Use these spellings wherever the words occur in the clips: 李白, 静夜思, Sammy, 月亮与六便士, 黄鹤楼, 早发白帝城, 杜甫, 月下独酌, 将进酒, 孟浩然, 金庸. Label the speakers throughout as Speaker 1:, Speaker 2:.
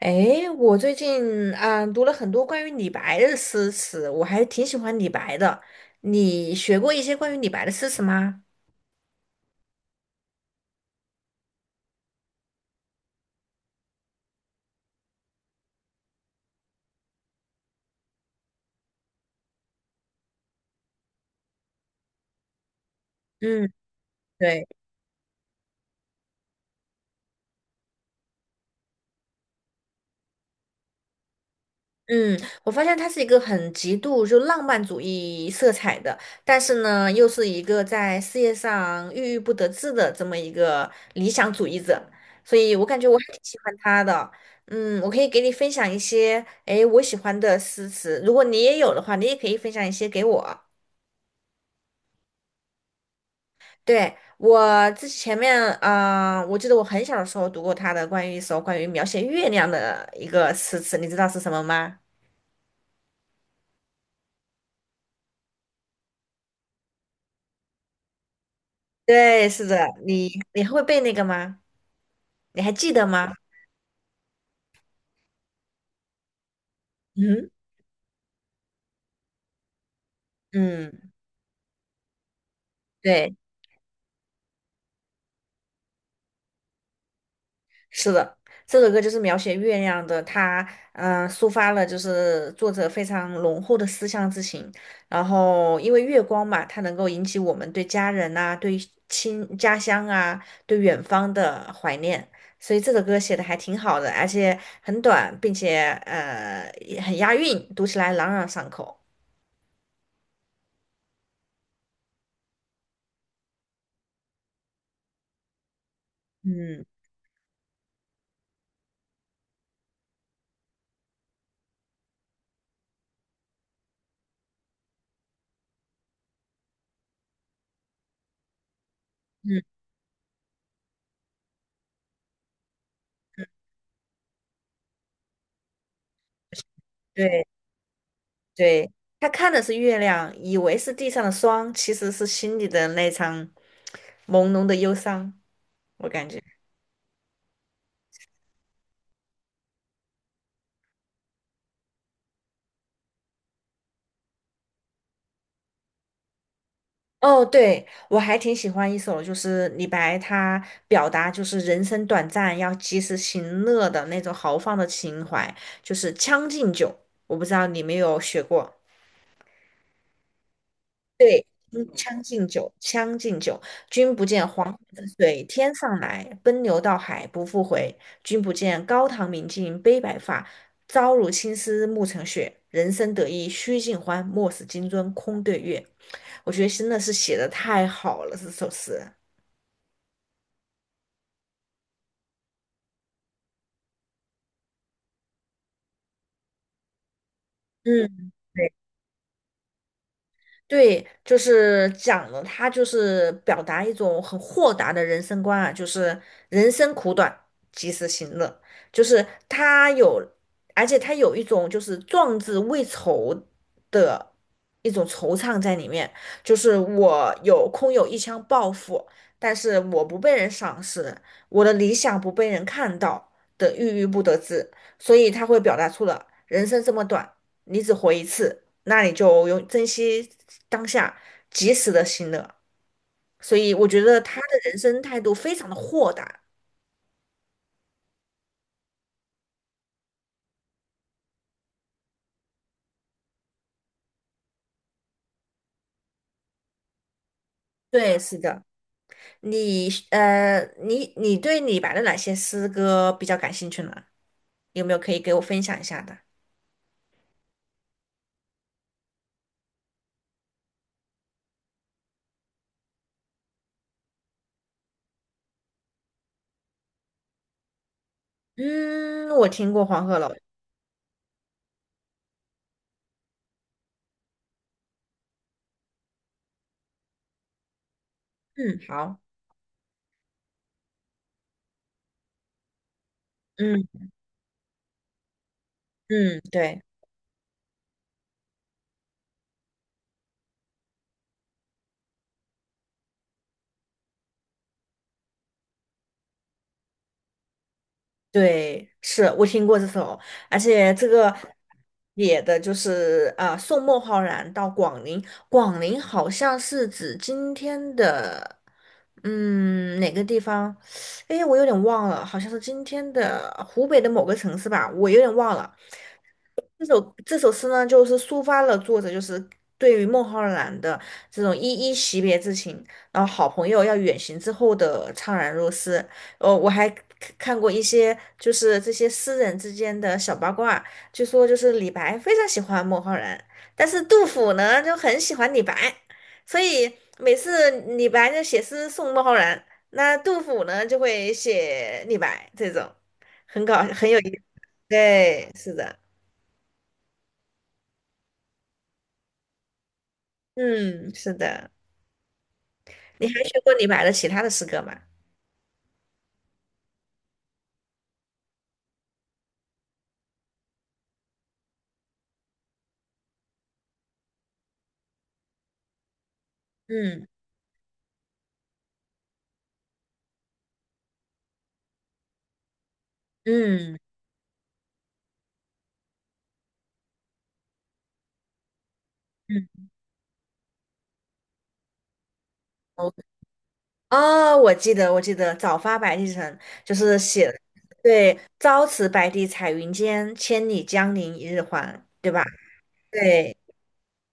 Speaker 1: 诶，我最近读了很多关于李白的诗词，我还挺喜欢李白的。你学过一些关于李白的诗词吗？嗯，对，嗯，我发现他是一个很极度浪漫主义色彩的，但是呢，又是一个在事业上郁郁不得志的这么一个理想主义者，所以我感觉我还挺喜欢他的。嗯，我可以给你分享一些，诶，我喜欢的诗词，如果你也有的话，你也可以分享一些给我。对，我之前面，啊，我记得我很小的时候读过他的一首关于描写月亮的一个诗词，你知道是什么吗？对，是的，你会背那个吗？你还记得吗？嗯嗯，对。是的，这首歌就是描写月亮的，它抒发了作者非常浓厚的思乡之情。然后因为月光嘛，它能够引起我们对家人呐、对家乡啊、对远方的怀念，所以这首歌写的还挺好的，而且很短，并且也很押韵，读起来朗朗上口。嗯嗯，对对，他看的是月亮，以为是地上的霜，其实是心里的那场朦胧的忧伤。我感觉，哦，对，我还挺喜欢一首，就是李白他表达就是人生短暂，要及时行乐的那种豪放的情怀，就是《将进酒》。我不知道你有没有学过，嗯将进酒》，《将进酒》，君不见黄河之水天上来，奔流到海不复回。君不见高堂明镜悲白发，朝如青丝暮成雪。人生得意须尽欢，莫使金樽空对月。我觉得真的是写的太好了，这首诗。嗯。对，对，就是讲了，他就是表达一种很豁达的人生观啊，就是人生苦短，及时行乐。就是他有，而且他有一种就是壮志未酬的一种惆怅在里面。就是我有空有一腔抱负，但是我不被人赏识，我的理想不被人看到的郁郁不得志，所以他会表达出了人生这么短，你只活一次。那你就用珍惜当下，及时的行乐。所以我觉得他的人生态度非常的豁达。对，是的，你对李白的哪些诗歌比较感兴趣呢？有没有可以给我分享一下的？嗯，我听过黄鹤楼。嗯，好，嗯嗯，对。对，是我听过这首，而且这个写的就是送孟浩然到广陵，广陵好像是指今天的，嗯，哪个地方？哎，我有点忘了，好像是今天的湖北的某个城市吧，我有点忘了。这首诗呢，就是抒发了作者就是对于孟浩然的这种依依惜别之情，然后好朋友要远行之后的怅然若失。哦，我还看过一些就是这些诗人之间的小八卦，据说就是李白非常喜欢孟浩然，但是杜甫呢就很喜欢李白，所以每次李白就写诗送孟浩然，那杜甫呢就会写李白这种，很搞很有意思。对，是的。嗯，是的。你还学过李白的其他的诗歌吗？嗯嗯嗯，哦，我记得"早发白帝城"就是写的对，"朝辞白帝彩云间，千里江陵一日还"，对吧？对。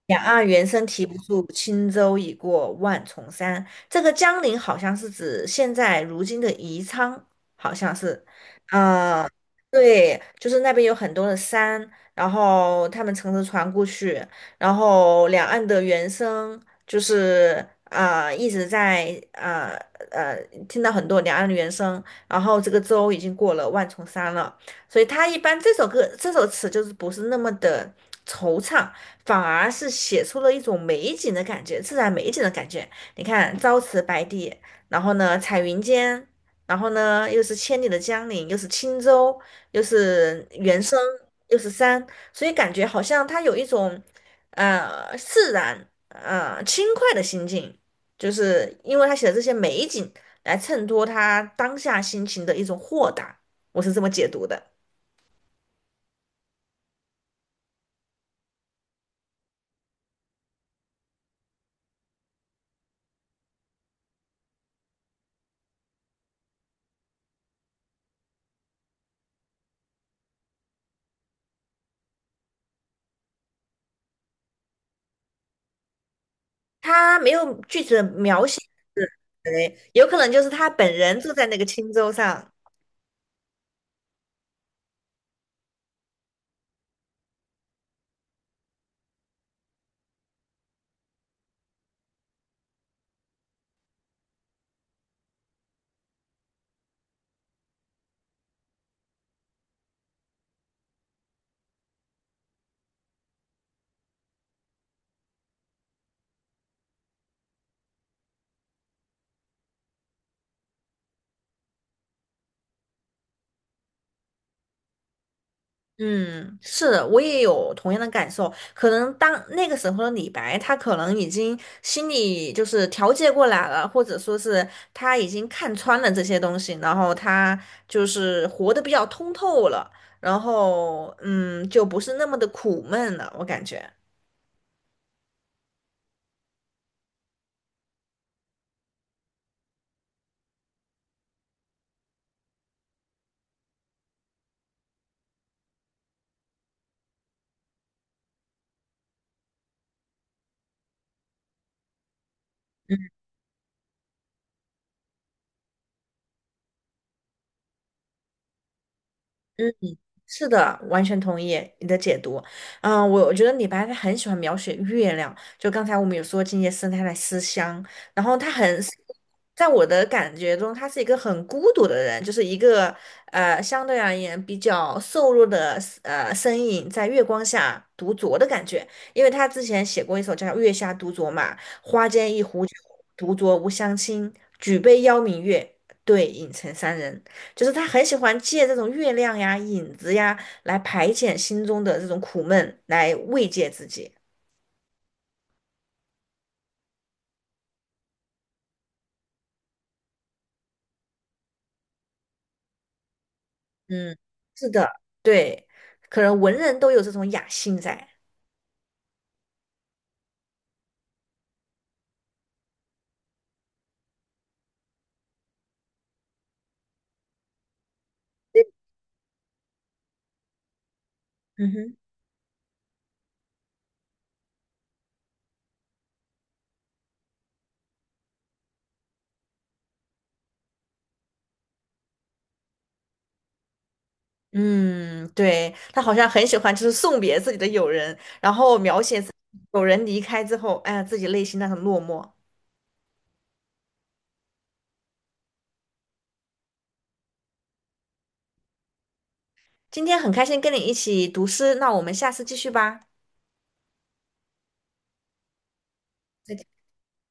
Speaker 1: 两岸猿声啼不住，轻舟已过万重山。这个江陵好像是指现在如今的宜昌，好像是，呃，对，就是那边有很多的山，然后他们乘着船过去，然后两岸的猿声就是一直在呃，呃听到很多两岸的猿声，然后这个舟已经过了万重山了。所以他一般这首词就是不是那么的惆怅，反而是写出了一种美景的感觉，自然美景的感觉。你看朝辞白帝，然后呢彩云间，然后呢又是千里的江陵，又是轻舟，又是原声，又是山，所以感觉好像他有一种自然轻快的心境，就是因为他写的这些美景来衬托他当下心情的一种豁达，我是这么解读的。他没有具体的描写，是谁有可能就是他本人住在那个青州上。嗯，是的我也有同样的感受。可能当那个时候的李白，他可能已经心里就是调节过来了，或者说是他已经看穿了这些东西，然后他就是活得比较通透了，然后嗯，就不是那么的苦闷了，我感觉。嗯是的，完全同意你的解读。嗯，我觉得李白他很喜欢描写月亮，就刚才我们有说静夜思他在思乡，然后他很，在我的感觉中，他是一个很孤独的人，就是一个相对而言比较瘦弱的身影在月光下独酌的感觉，因为他之前写过一首叫《月下独酌》嘛，花间一壶酒，独酌无相亲，举杯邀明月，对影成三人。就是他很喜欢借这种月亮呀、影子呀来排遣心中的这种苦闷，来慰藉自己。嗯，是的，对，可能文人都有这种雅兴在。嗯哼，嗯，对，他好像很喜欢，就是送别自己的友人，然后描写自己友人离开之后，哎呀，自己内心那种落寞。今天很开心跟你一起读诗，那我们下次继续吧。再见。